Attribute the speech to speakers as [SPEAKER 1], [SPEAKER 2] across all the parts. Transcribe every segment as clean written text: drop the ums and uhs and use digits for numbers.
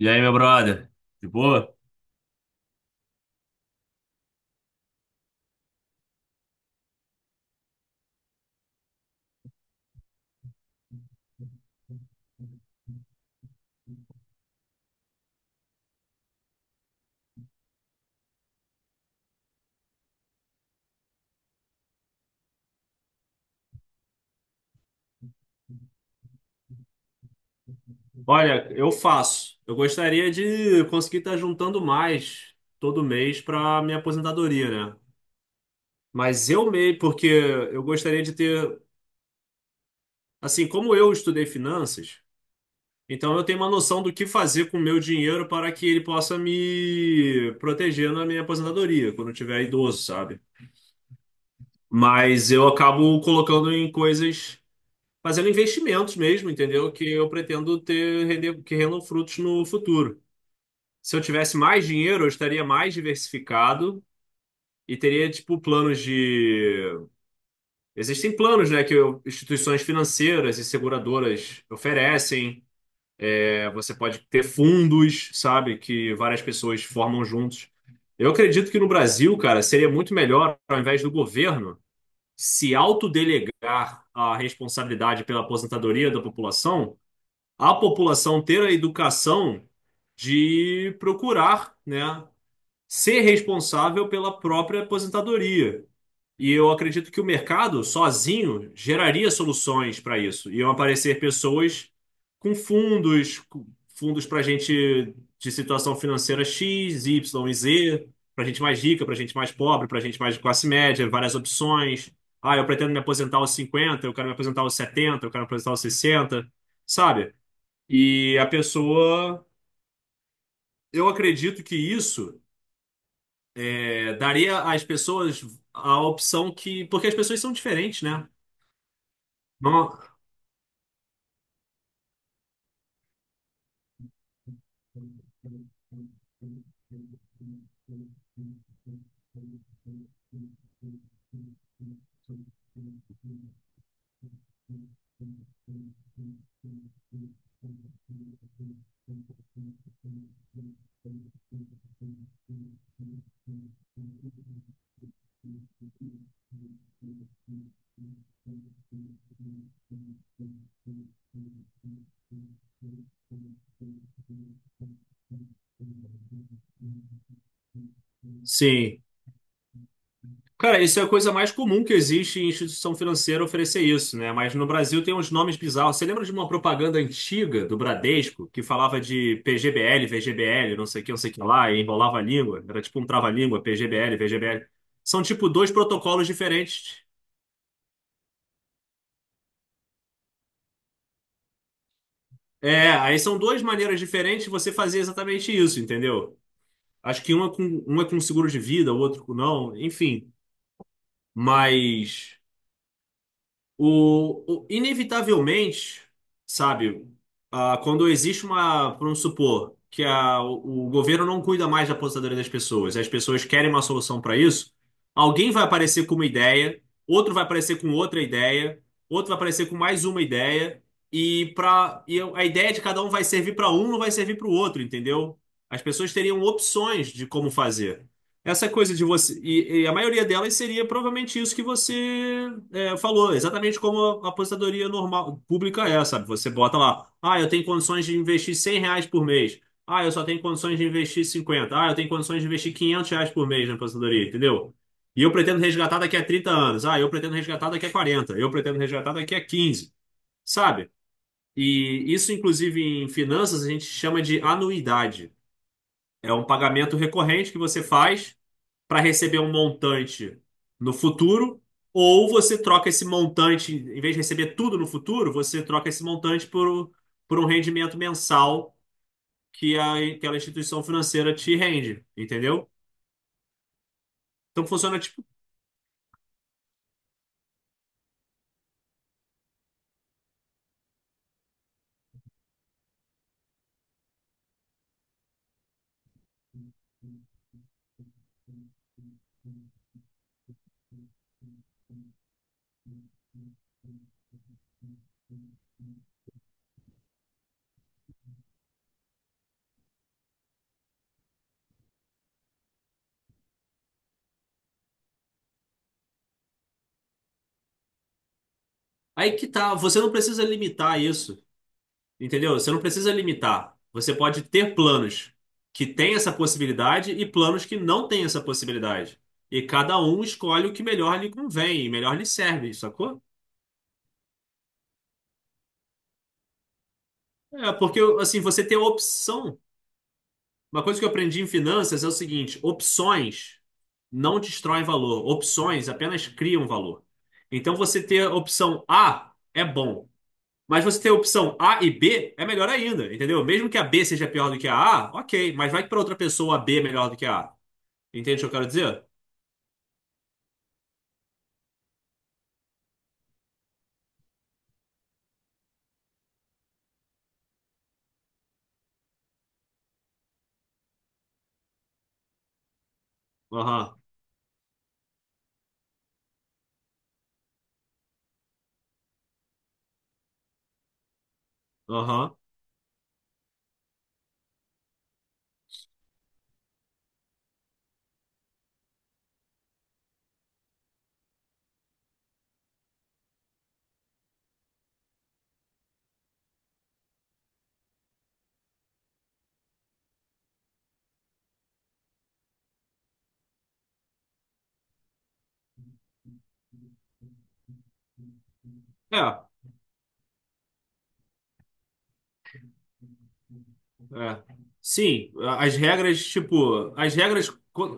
[SPEAKER 1] E aí, meu brother? De boa? Olha, eu faço. Eu gostaria de conseguir estar juntando mais todo mês para minha aposentadoria, né? Mas eu meio, porque eu gostaria de ter, assim, como eu estudei finanças, então eu tenho uma noção do que fazer com o meu dinheiro para que ele possa me proteger na minha aposentadoria, quando eu tiver idoso, sabe? Mas eu acabo colocando em coisas, fazendo investimentos mesmo, entendeu? Que eu pretendo ter render, que rendam frutos no futuro. Se eu tivesse mais dinheiro, eu estaria mais diversificado e teria, tipo, planos de. Existem planos, né, que instituições financeiras e seguradoras oferecem. É, você pode ter fundos, sabe, que várias pessoas formam juntos. Eu acredito que no Brasil, cara, seria muito melhor, ao invés do governo se autodelegar a responsabilidade pela aposentadoria da população, a população ter a educação de procurar, né, ser responsável pela própria aposentadoria. E eu acredito que o mercado sozinho geraria soluções para isso. Iam aparecer pessoas com fundos para gente de situação financeira X, Y e Z, para gente mais rica, para gente mais pobre, para gente mais de classe média, várias opções. Ah, eu pretendo me aposentar aos 50, eu quero me aposentar aos 70, eu quero me aposentar aos 60, sabe? E a pessoa, eu acredito que isso daria às pessoas a opção que. Porque as pessoas são diferentes, né? Não- Sim. Cara, isso é a coisa mais comum que existe em instituição financeira oferecer isso, né? Mas no Brasil tem uns nomes bizarros. Você lembra de uma propaganda antiga do Bradesco que falava de PGBL, VGBL, não sei o que, não sei o que lá, e enrolava a língua? Era tipo um trava-língua, PGBL, VGBL. São tipo dois protocolos diferentes. É, aí são duas maneiras diferentes de você fazer exatamente isso, entendeu? Acho que um é com seguro de vida, o outro com não, enfim. Mas. Inevitavelmente, sabe, quando existe uma, vamos supor, que o governo não cuida mais da aposentadoria das pessoas, e as pessoas querem uma solução para isso, alguém vai aparecer com uma ideia, outro vai aparecer com outra ideia, outro vai aparecer com mais uma ideia, e a ideia de cada um vai servir para um, não vai servir para o outro, entendeu? As pessoas teriam opções de como fazer. Essa coisa de você. E a maioria delas seria provavelmente isso que você falou, exatamente como a aposentadoria normal, pública é, sabe? Você bota lá, eu tenho condições de investir R$ 100 por mês. Ah, eu só tenho condições de investir 50. Ah, eu tenho condições de investir R$ 500 por mês na aposentadoria, entendeu? E eu pretendo resgatar daqui a 30 anos. Ah, eu pretendo resgatar daqui a 40. Eu pretendo resgatar daqui a 15, sabe? E isso, inclusive, em finanças, a gente chama de anuidade. É um pagamento recorrente que você faz para receber um montante no futuro, ou você troca esse montante, em vez de receber tudo no futuro, você troca esse montante por um rendimento mensal que aquela instituição financeira te rende, entendeu? Então funciona tipo. Aí que tá, você não precisa limitar isso, entendeu? Você não precisa limitar. Você pode ter planos que têm essa possibilidade e planos que não têm essa possibilidade. E cada um escolhe o que melhor lhe convém, melhor lhe serve, sacou? É, porque assim, você tem a opção. Uma coisa que eu aprendi em finanças é o seguinte: opções não destroem valor, opções apenas criam valor. Então você ter a opção A é bom, mas você ter a opção A e B é melhor ainda, entendeu? Mesmo que a B seja pior do que a A, ok, mas vai que para outra pessoa a B é melhor do que a A. Entende o que eu quero dizer? Aham, aham. É, é. Sim, as regras, tipo, as regras.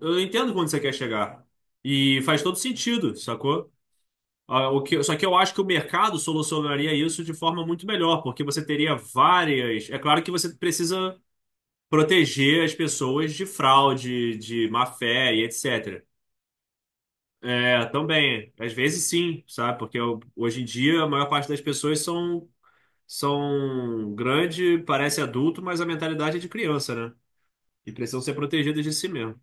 [SPEAKER 1] Eu entendo quando você quer chegar. E faz todo sentido, sacou? Ah, só que eu acho que o mercado solucionaria isso de forma muito melhor, porque você teria várias. É claro que você precisa proteger as pessoas de fraude, de má fé e etc. É, também, às vezes sim, sabe? Porque hoje em dia a maior parte das pessoas são grande, parece adulto, mas a mentalidade é de criança, né? E precisam ser protegidas de si mesmo.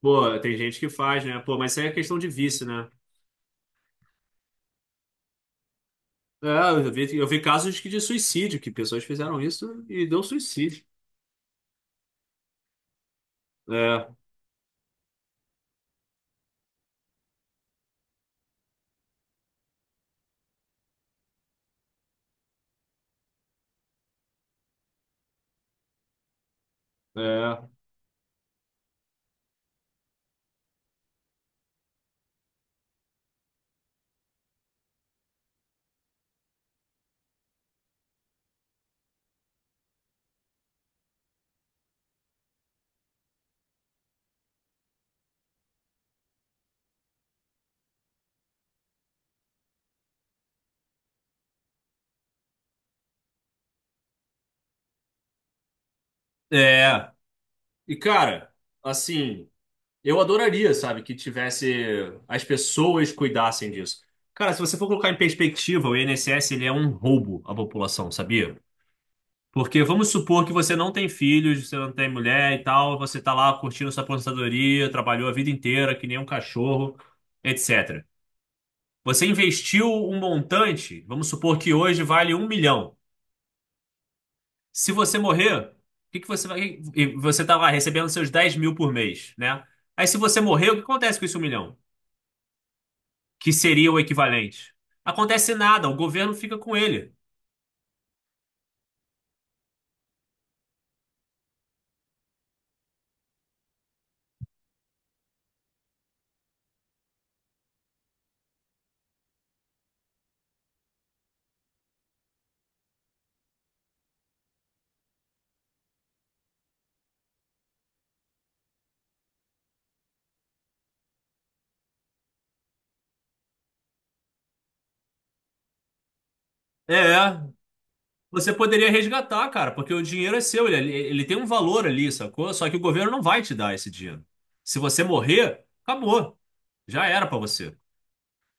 [SPEAKER 1] Pô, tem gente que faz, né? Pô, mas isso aí é questão de vício, né? É, eu vi casos que de suicídio, que pessoas fizeram isso e deu suicídio. É, é, é. E, cara, assim, eu adoraria, sabe, que tivesse, as pessoas cuidassem disso. Cara, se você for colocar em perspectiva, o INSS, ele é um roubo à população, sabia? Porque vamos supor que você não tem filhos, você não tem mulher e tal, você tá lá curtindo sua aposentadoria, trabalhou a vida inteira que nem um cachorro, etc. Você investiu um montante, vamos supor que hoje vale 1 milhão. Se você morrer, o que que você vai. E você está lá recebendo seus 10 mil por mês, né? Aí se você morrer, o que acontece com esse 1 milhão? Que seria o equivalente? Acontece nada, o governo fica com ele. É, você poderia resgatar, cara, porque o dinheiro é seu, ele tem um valor ali, sacou? Só que o governo não vai te dar esse dinheiro. Se você morrer, acabou. Já era para você.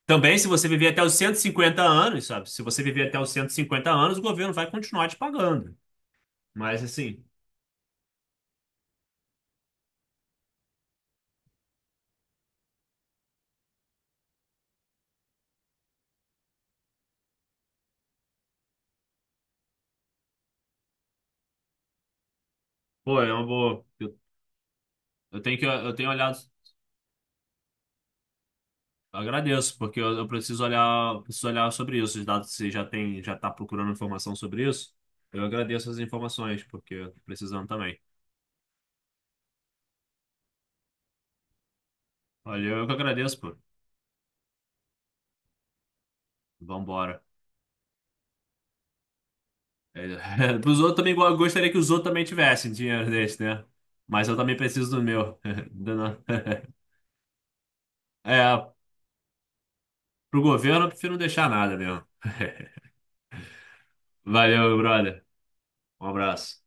[SPEAKER 1] Também, se você viver até os 150 anos, sabe? Se você viver até os 150 anos, o governo vai continuar te pagando. Mas, assim, pô, é uma boa. Eu tenho olhado. Agradeço, porque eu preciso olhar sobre isso. Os dados que você já tem, já está procurando informação sobre isso. Eu agradeço as informações, porque eu tô precisando também. Olha, eu que agradeço, pô. Vambora. É, pros outros também, eu gostaria que os outros também tivessem dinheiro desse, né? Mas eu também preciso do meu. Do Não- É, pro governo, eu prefiro não deixar nada mesmo. Valeu, meu brother. Um abraço.